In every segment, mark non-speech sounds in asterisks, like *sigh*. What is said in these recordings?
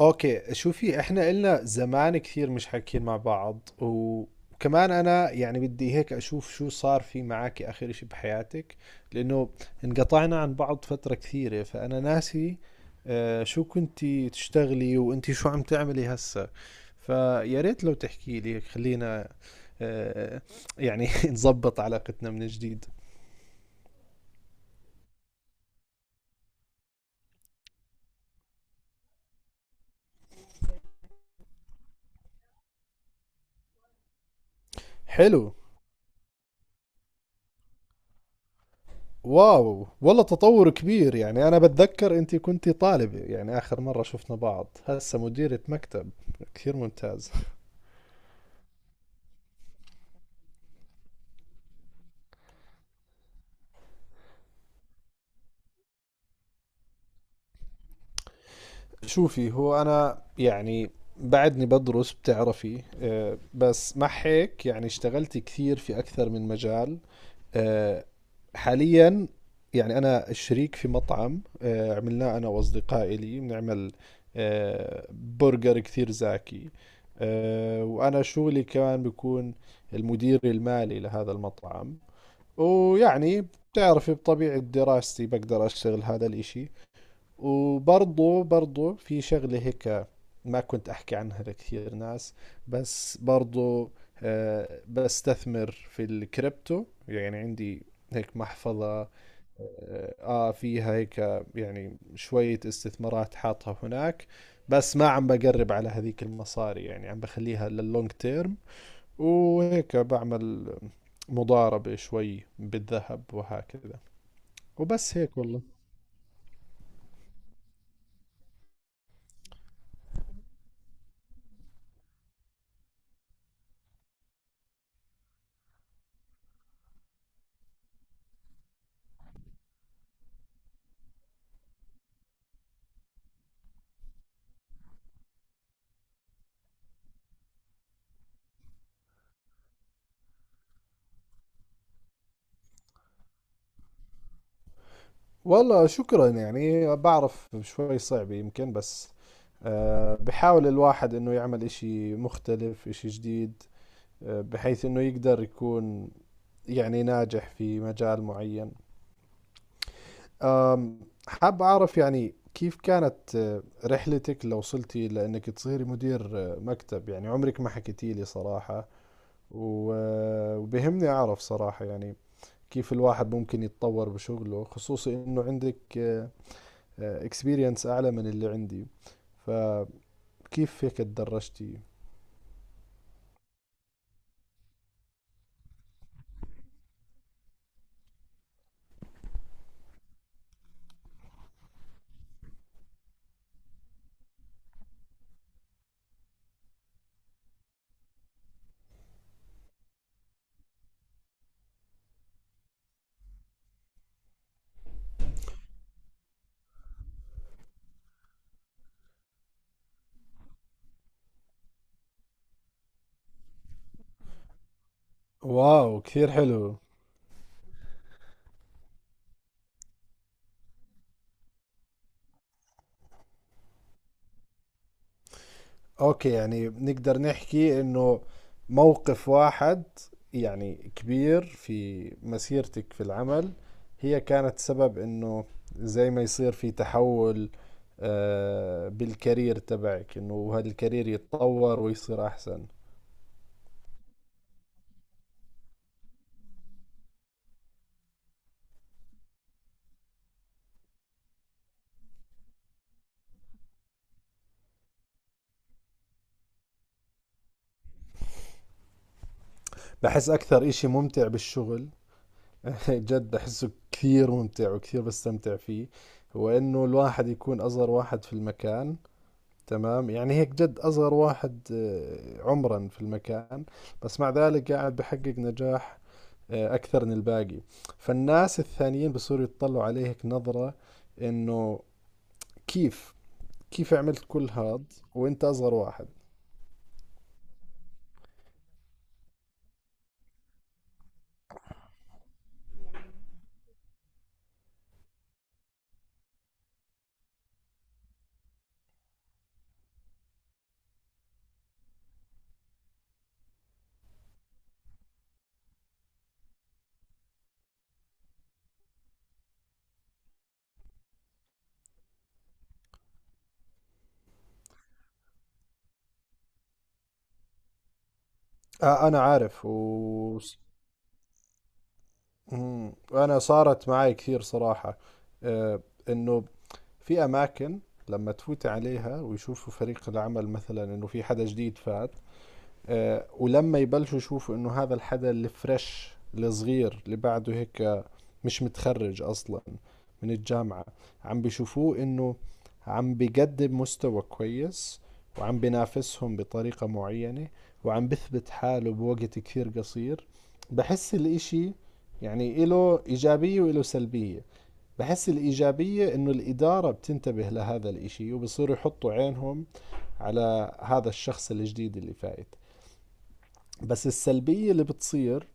اوكي، شوفي، احنا إلنا زمان كثير مش حاكيين مع بعض، وكمان انا يعني بدي هيك اشوف شو صار في معك اخر اشي بحياتك، لانه انقطعنا عن بعض فترة كثيرة فانا ناسي. شو كنتي تشتغلي وانتي شو عم تعملي هسا؟ فيا ريت لو تحكي لي. خلينا آه، يعني *laughs* نظبط علاقتنا من جديد. حلو. واو، والله تطور كبير. يعني أنا بتذكر أنت كنت طالبة، يعني آخر مرة شفنا بعض، هسه مديرة مكتب. كثير ممتاز. شوفي، هو أنا يعني بعدني بدرس بتعرفي، بس مع هيك يعني اشتغلت كثير في أكثر من مجال. آه، حاليا يعني انا شريك في مطعم عملناه انا واصدقائي، لي بنعمل برجر كثير زاكي. وانا شغلي كمان بكون المدير المالي لهذا المطعم. ويعني بتعرفي بطبيعة دراستي بقدر أشتغل هذا الإشي. وبرضه في شغلة هيك ما كنت أحكي عنها لكثير ناس، بس برضو بستثمر في الكريبتو. يعني عندي هيك محفظة، فيها هيك يعني شوية استثمارات حاطها هناك. بس ما عم بقرب على هذيك المصاري، يعني عم بخليها لللونج تيرم. وهيك بعمل مضاربة شوي بالذهب وهكذا. وبس هيك والله. والله شكرا. يعني بعرف شوي صعب يمكن، بس بحاول الواحد انه يعمل اشي مختلف اشي جديد، بحيث انه يقدر يكون يعني ناجح في مجال معين. آم، حاب اعرف يعني كيف كانت رحلتك لو وصلتي لانك تصيري مدير مكتب. يعني عمرك ما حكيتي لي صراحة. وبهمني اعرف صراحة يعني كيف الواحد ممكن يتطور بشغله، خصوصي انه عندك اكسبيرينس اعلى من اللي عندي. فكيف هيك تدرجتي؟ واو، كثير حلو. اوكي، يعني نقدر نحكي انه موقف واحد يعني كبير في مسيرتك في العمل، هي كانت سبب انه زي ما يصير في تحول بالكارير تبعك، انه هذا الكارير يتطور ويصير احسن. بحس اكثر اشي ممتع بالشغل *laughs* جد أحسه كثير ممتع وكثير بستمتع فيه، هو إنه الواحد يكون أصغر واحد في المكان. تمام، يعني هيك جد أصغر واحد عمرا في المكان، بس مع ذلك قاعد بحقق نجاح أكثر من الباقي. فالناس الثانيين بصيروا يتطلعوا عليه هيك نظرة، إنه كيف كيف عملت كل هاد وأنت أصغر واحد؟ أنا عارف و... مم. وأنا صارت معي كثير صراحة. آه، انه في أماكن لما تفوت عليها ويشوفوا فريق العمل مثلا إنه في حدا جديد فات، ولما يبلشوا يشوفوا إنه هذا الحدا الفريش الصغير اللي بعده هيك، مش متخرج أصلا من الجامعة، عم بيشوفوه إنه عم بيقدم مستوى كويس، وعم بينافسهم بطريقة معينة، وعم بثبت حاله بوقت كثير قصير. بحس الإشي يعني إله إيجابية وإله سلبية. بحس الإيجابية إنه الإدارة بتنتبه لهذا الإشي وبصيروا يحطوا عينهم على هذا الشخص الجديد اللي فايت. بس السلبية اللي بتصير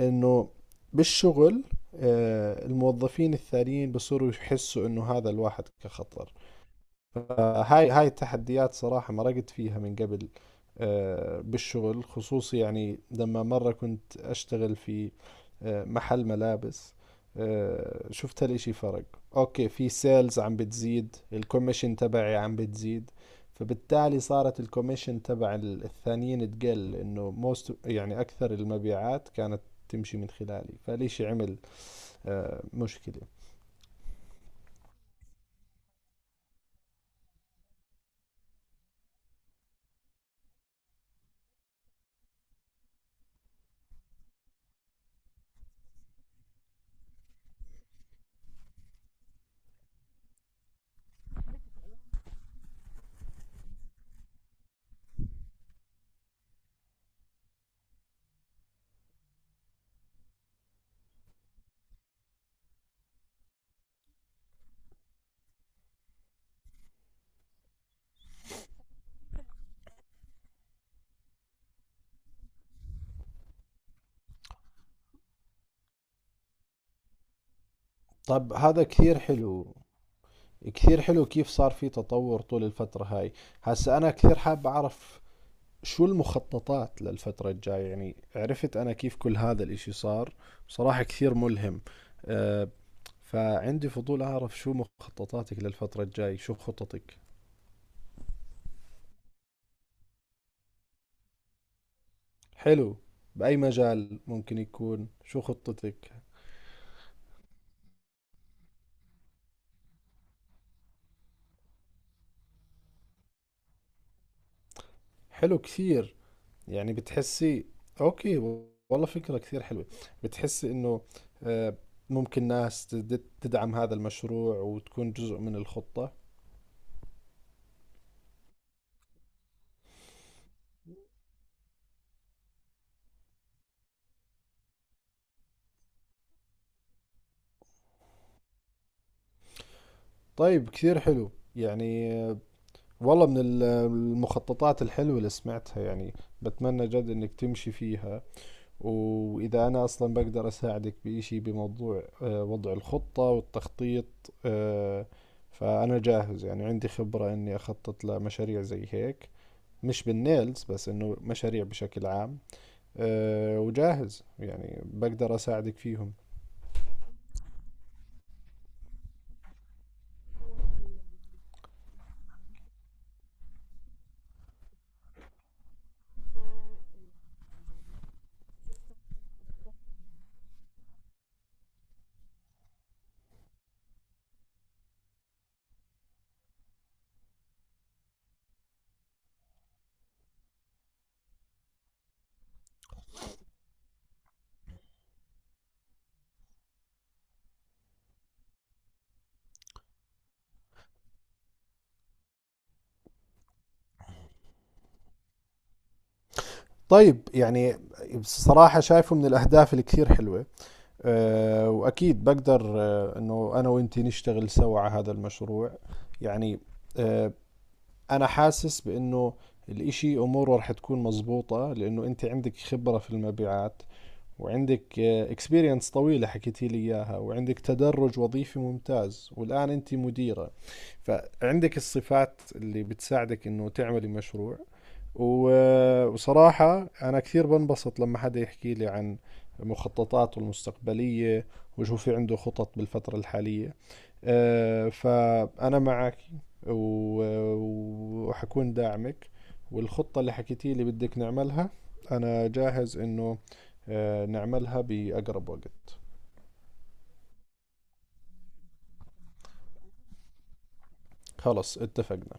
إنه بالشغل الموظفين الثانيين بصيروا يحسوا إنه هذا الواحد كخطر. فهاي التحديات صراحة مرقت فيها من قبل بالشغل خصوصي. يعني لما مرة كنت أشتغل في محل ملابس، شفت الاشي فرق. اوكي، في سيلز عم بتزيد، الكوميشن تبعي عم بتزيد، فبالتالي صارت الكوميشن تبع الثانيين تقل، انه موست يعني اكثر المبيعات كانت تمشي من خلالي، فالاشي عمل مشكلة. طب هذا كثير حلو، كثير حلو. كيف صار في تطور طول الفترة هاي؟ هسا أنا كثير حاب أعرف شو المخططات للفترة الجاية. يعني عرفت أنا كيف كل هذا الإشي صار، بصراحة كثير ملهم. أه فعندي فضول أعرف شو مخططاتك للفترة الجاي، شو خططك؟ حلو. بأي مجال ممكن يكون؟ شو خطتك؟ حلو كثير. يعني بتحسي؟ اوكي، والله فكرة كثير حلوة. بتحسي انه آه، ممكن ناس تدعم هذا المشروع وتكون جزء من الخطة؟ طيب كثير حلو. يعني والله من المخططات الحلوة اللي سمعتها، يعني بتمنى جد انك تمشي فيها. واذا انا اصلا بقدر اساعدك بإشي بموضوع وضع الخطة والتخطيط، آه، فانا جاهز. يعني عندي خبرة اني اخطط لمشاريع زي هيك، مش بالنيلز بس، انه مشاريع بشكل عام. وجاهز يعني بقدر اساعدك فيهم. طيب يعني بصراحة شايفه من الأهداف الكثير حلوة. وأكيد بقدر إنه أنا وإنتي نشتغل سوا على هذا المشروع. يعني أه أنا حاسس بإنه الإشي أموره رح تكون مزبوطة، لأنه أنت عندك خبرة في المبيعات، وعندك اكسبيرينس طويلة حكيتي لي إياها، وعندك تدرج وظيفي ممتاز، والآن أنت مديرة. فعندك الصفات اللي بتساعدك انه تعملي مشروع. وصراحة انا كثير بنبسط لما حدا يحكي لي عن مخططاته المستقبلية وشو في عنده خطط بالفترة الحالية. فأنا معك وحكون داعمك. والخطة اللي حكيتي لي بدك نعملها أنا جاهز إنه نعملها بأقرب وقت. خلص اتفقنا.